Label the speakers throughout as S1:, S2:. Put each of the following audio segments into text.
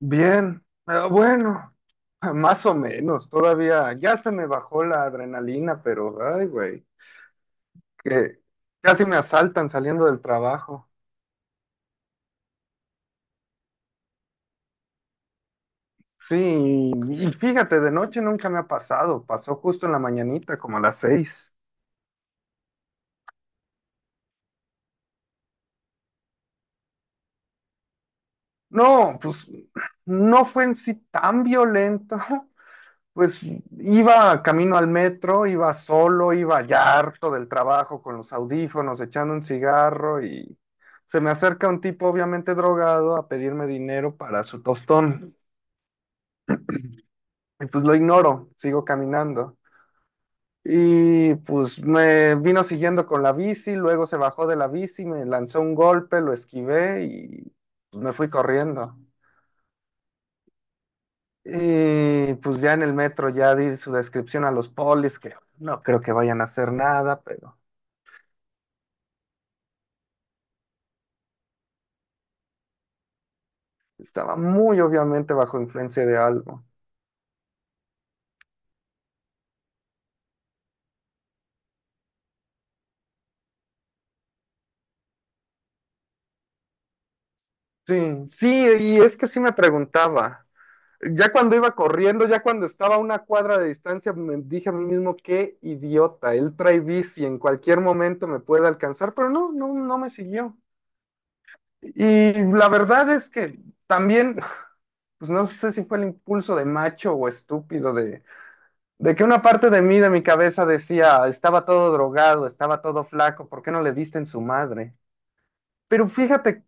S1: Bien, bueno, más o menos, todavía ya se me bajó la adrenalina, pero ay, güey, que casi me asaltan saliendo del trabajo. Sí, y fíjate, de noche nunca me ha pasado, pasó justo en la mañanita, como a las 6. No, pues no fue en sí tan violento. Pues iba camino al metro, iba solo, iba ya harto del trabajo con los audífonos, echando un cigarro y se me acerca un tipo obviamente drogado a pedirme dinero para su tostón. Y pues lo ignoro, sigo caminando. Y pues me vino siguiendo con la bici, luego se bajó de la bici, me lanzó un golpe, lo esquivé y pues, me fui corriendo. Y pues ya en el metro ya di su descripción a los polis, que no creo que vayan a hacer nada, pero estaba muy obviamente bajo influencia de algo. Sí, sí, y es que sí me preguntaba. Ya cuando iba corriendo, ya cuando estaba a una cuadra de distancia, me dije a mí mismo, qué idiota, él trae bici, en cualquier momento me puede alcanzar, pero no, no, no me siguió. Y la verdad es que también, pues no sé si fue el impulso de macho o estúpido de que una parte de mí, de mi cabeza decía, estaba todo drogado, estaba todo flaco, ¿por qué no le diste en su madre? Pero fíjate,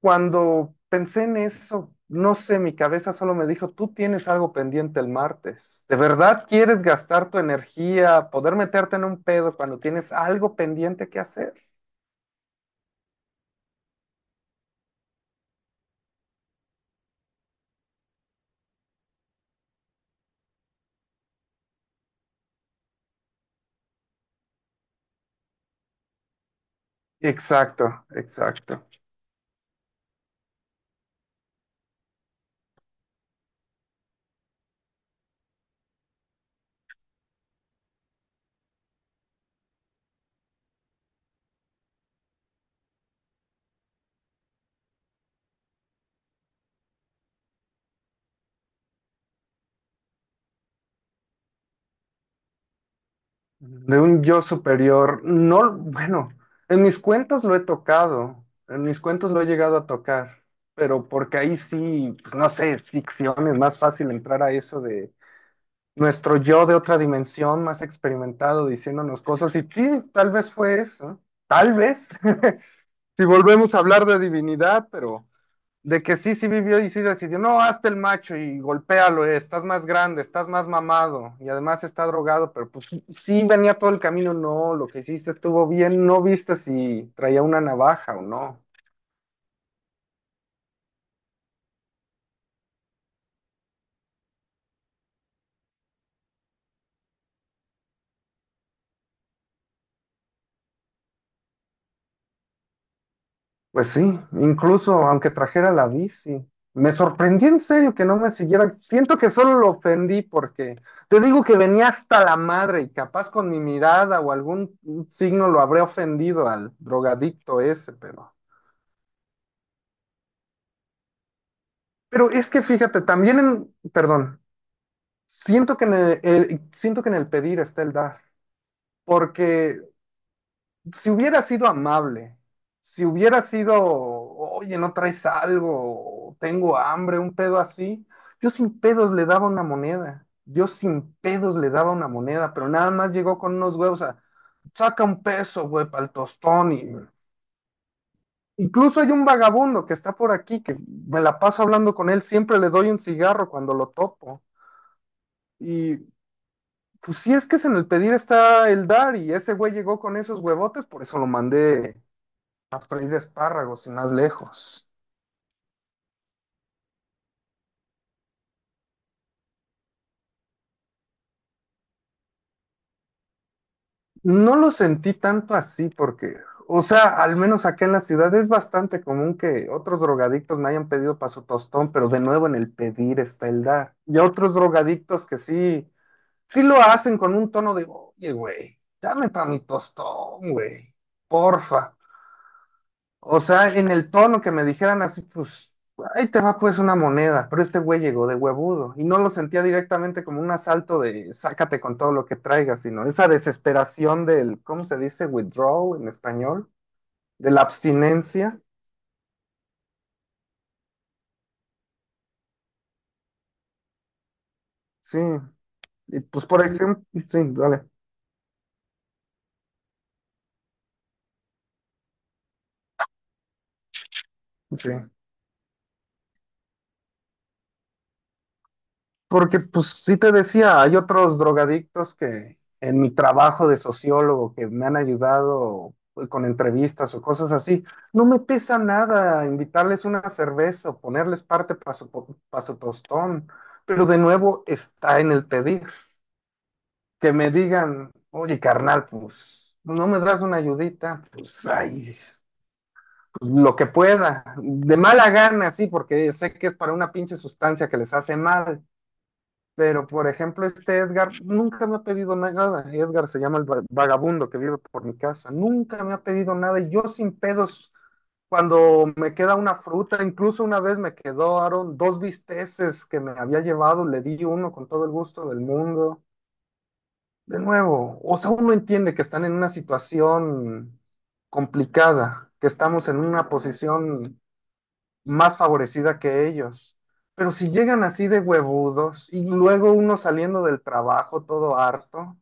S1: cuando pensé en eso, no sé, mi cabeza solo me dijo, tú tienes algo pendiente el martes. ¿De verdad quieres gastar tu energía, poder meterte en un pedo cuando tienes algo pendiente que hacer? Exacto, exacto. De un yo superior, no, bueno, en mis cuentos lo he tocado, en mis cuentos lo he llegado a tocar, pero porque ahí sí, pues, no sé, es ficción, es más fácil entrar a eso de nuestro yo de otra dimensión más experimentado diciéndonos cosas y sí, tal vez fue eso, tal vez, si volvemos a hablar de divinidad, pero de que sí, sí vivió y sí decidió, no, hazte el macho y golpéalo, estás más grande, estás más mamado y además está drogado, pero pues sí, sí venía todo el camino, no, lo que hiciste estuvo bien, no viste si traía una navaja o no. Pues sí, incluso aunque trajera la bici. Me sorprendí en serio que no me siguiera. Siento que solo lo ofendí porque te digo que venía hasta la madre y capaz con mi mirada o algún signo lo habré ofendido al drogadicto ese, pero. Pero es que fíjate, también perdón, siento que en siento que en el pedir está el dar, porque si hubiera sido amable, si hubiera sido, oye, no traes algo, tengo hambre, un pedo así, yo sin pedos le daba una moneda, yo sin pedos le daba una moneda, pero nada más llegó con unos huevos a, saca un peso, güey, para el tostón y... Incluso hay un vagabundo que está por aquí, que me la paso hablando con él, siempre le doy un cigarro cuando lo topo. Y pues sí es que es en el pedir está el dar, y ese güey llegó con esos huevotes, por eso lo mandé a freír espárragos y más lejos. No lo sentí tanto así porque, o sea, al menos acá en la ciudad es bastante común que otros drogadictos me hayan pedido para su tostón, pero de nuevo en el pedir está el dar. Y otros drogadictos que sí, sí lo hacen con un tono de, oye, güey, dame para mi tostón, güey, porfa. O sea, en el tono que me dijeran así, pues, ahí te va pues una moneda, pero este güey llegó de huevudo y no lo sentía directamente como un asalto de sácate con todo lo que traigas, sino esa desesperación del, ¿cómo se dice? Withdrawal en español, de la abstinencia, sí. Y pues, por ejemplo, sí, dale, sí. Porque, pues, sí te decía, hay otros drogadictos que en mi trabajo de sociólogo que me han ayudado pues, con entrevistas o cosas así, no me pesa nada invitarles una cerveza o ponerles parte para su, pa' su tostón, pero de nuevo está en el pedir, que me digan, oye, carnal, pues, no me das una ayudita, pues, ahí lo que pueda, de mala gana, sí, porque sé que es para una pinche sustancia que les hace mal, pero, por ejemplo, este Edgar nunca me ha pedido nada. Edgar se llama el vagabundo que vive por mi casa. Nunca me ha pedido nada. Y yo sin pedos, cuando me queda una fruta, incluso una vez me quedaron dos bisteces que me había llevado, le di uno con todo el gusto del mundo. De nuevo, o sea, uno entiende que están en una situación complicada, que estamos en una posición más favorecida que ellos. Pero si llegan así de huevudos y luego uno saliendo del trabajo todo harto,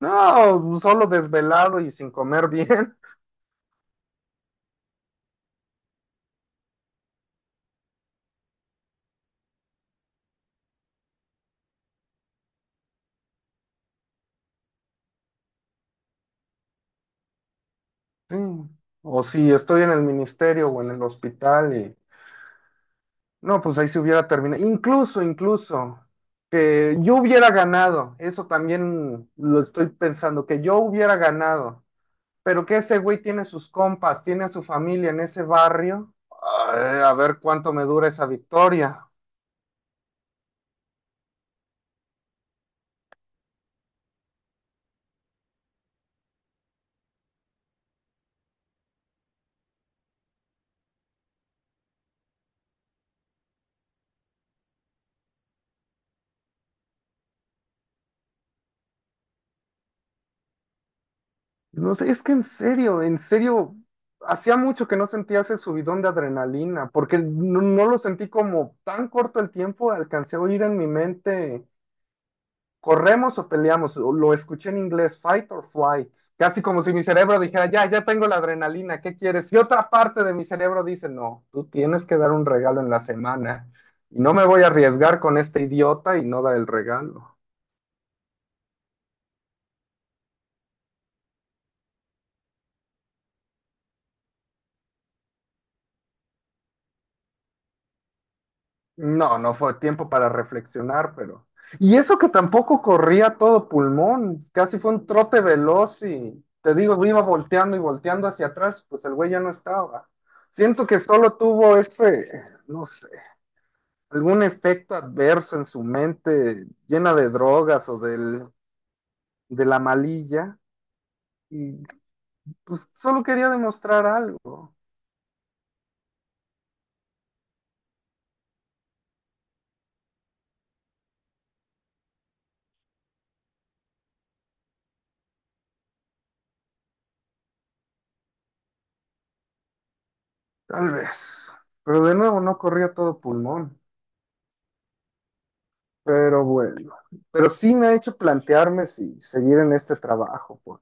S1: no, solo desvelado y sin comer bien. Sí. O si estoy en el ministerio o en el hospital y no, pues ahí se hubiera terminado. Incluso, incluso que yo hubiera ganado, eso también lo estoy pensando, que yo hubiera ganado, pero que ese güey tiene sus compas, tiene a su familia en ese barrio. Ay, a ver cuánto me dura esa victoria. No sé, es que en serio, hacía mucho que no sentía ese subidón de adrenalina, porque no, no lo sentí como tan corto el tiempo, alcancé a oír en mi mente, corremos o peleamos, o lo escuché en inglés, fight or flight, casi como si mi cerebro dijera, ya, ya tengo la adrenalina, ¿qué quieres? Y otra parte de mi cerebro dice, no, tú tienes que dar un regalo en la semana, y no me voy a arriesgar con este idiota y no dar el regalo. No, no fue tiempo para reflexionar, pero... Y eso que tampoco corría todo pulmón, casi fue un trote veloz y te digo, iba volteando y volteando hacia atrás, pues el güey ya no estaba. Siento que solo tuvo ese, no sé, algún efecto adverso en su mente, llena de drogas o del, de la malilla, y pues solo quería demostrar algo, tal vez. Pero de nuevo no corría todo pulmón. Pero bueno, pero sí me ha hecho plantearme si seguir en este trabajo. Pues.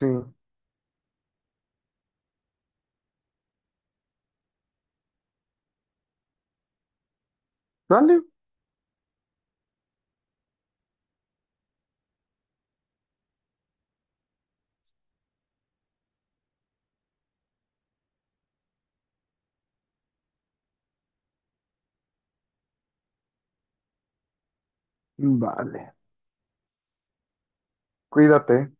S1: Sí. Vale, vale. Cuídate.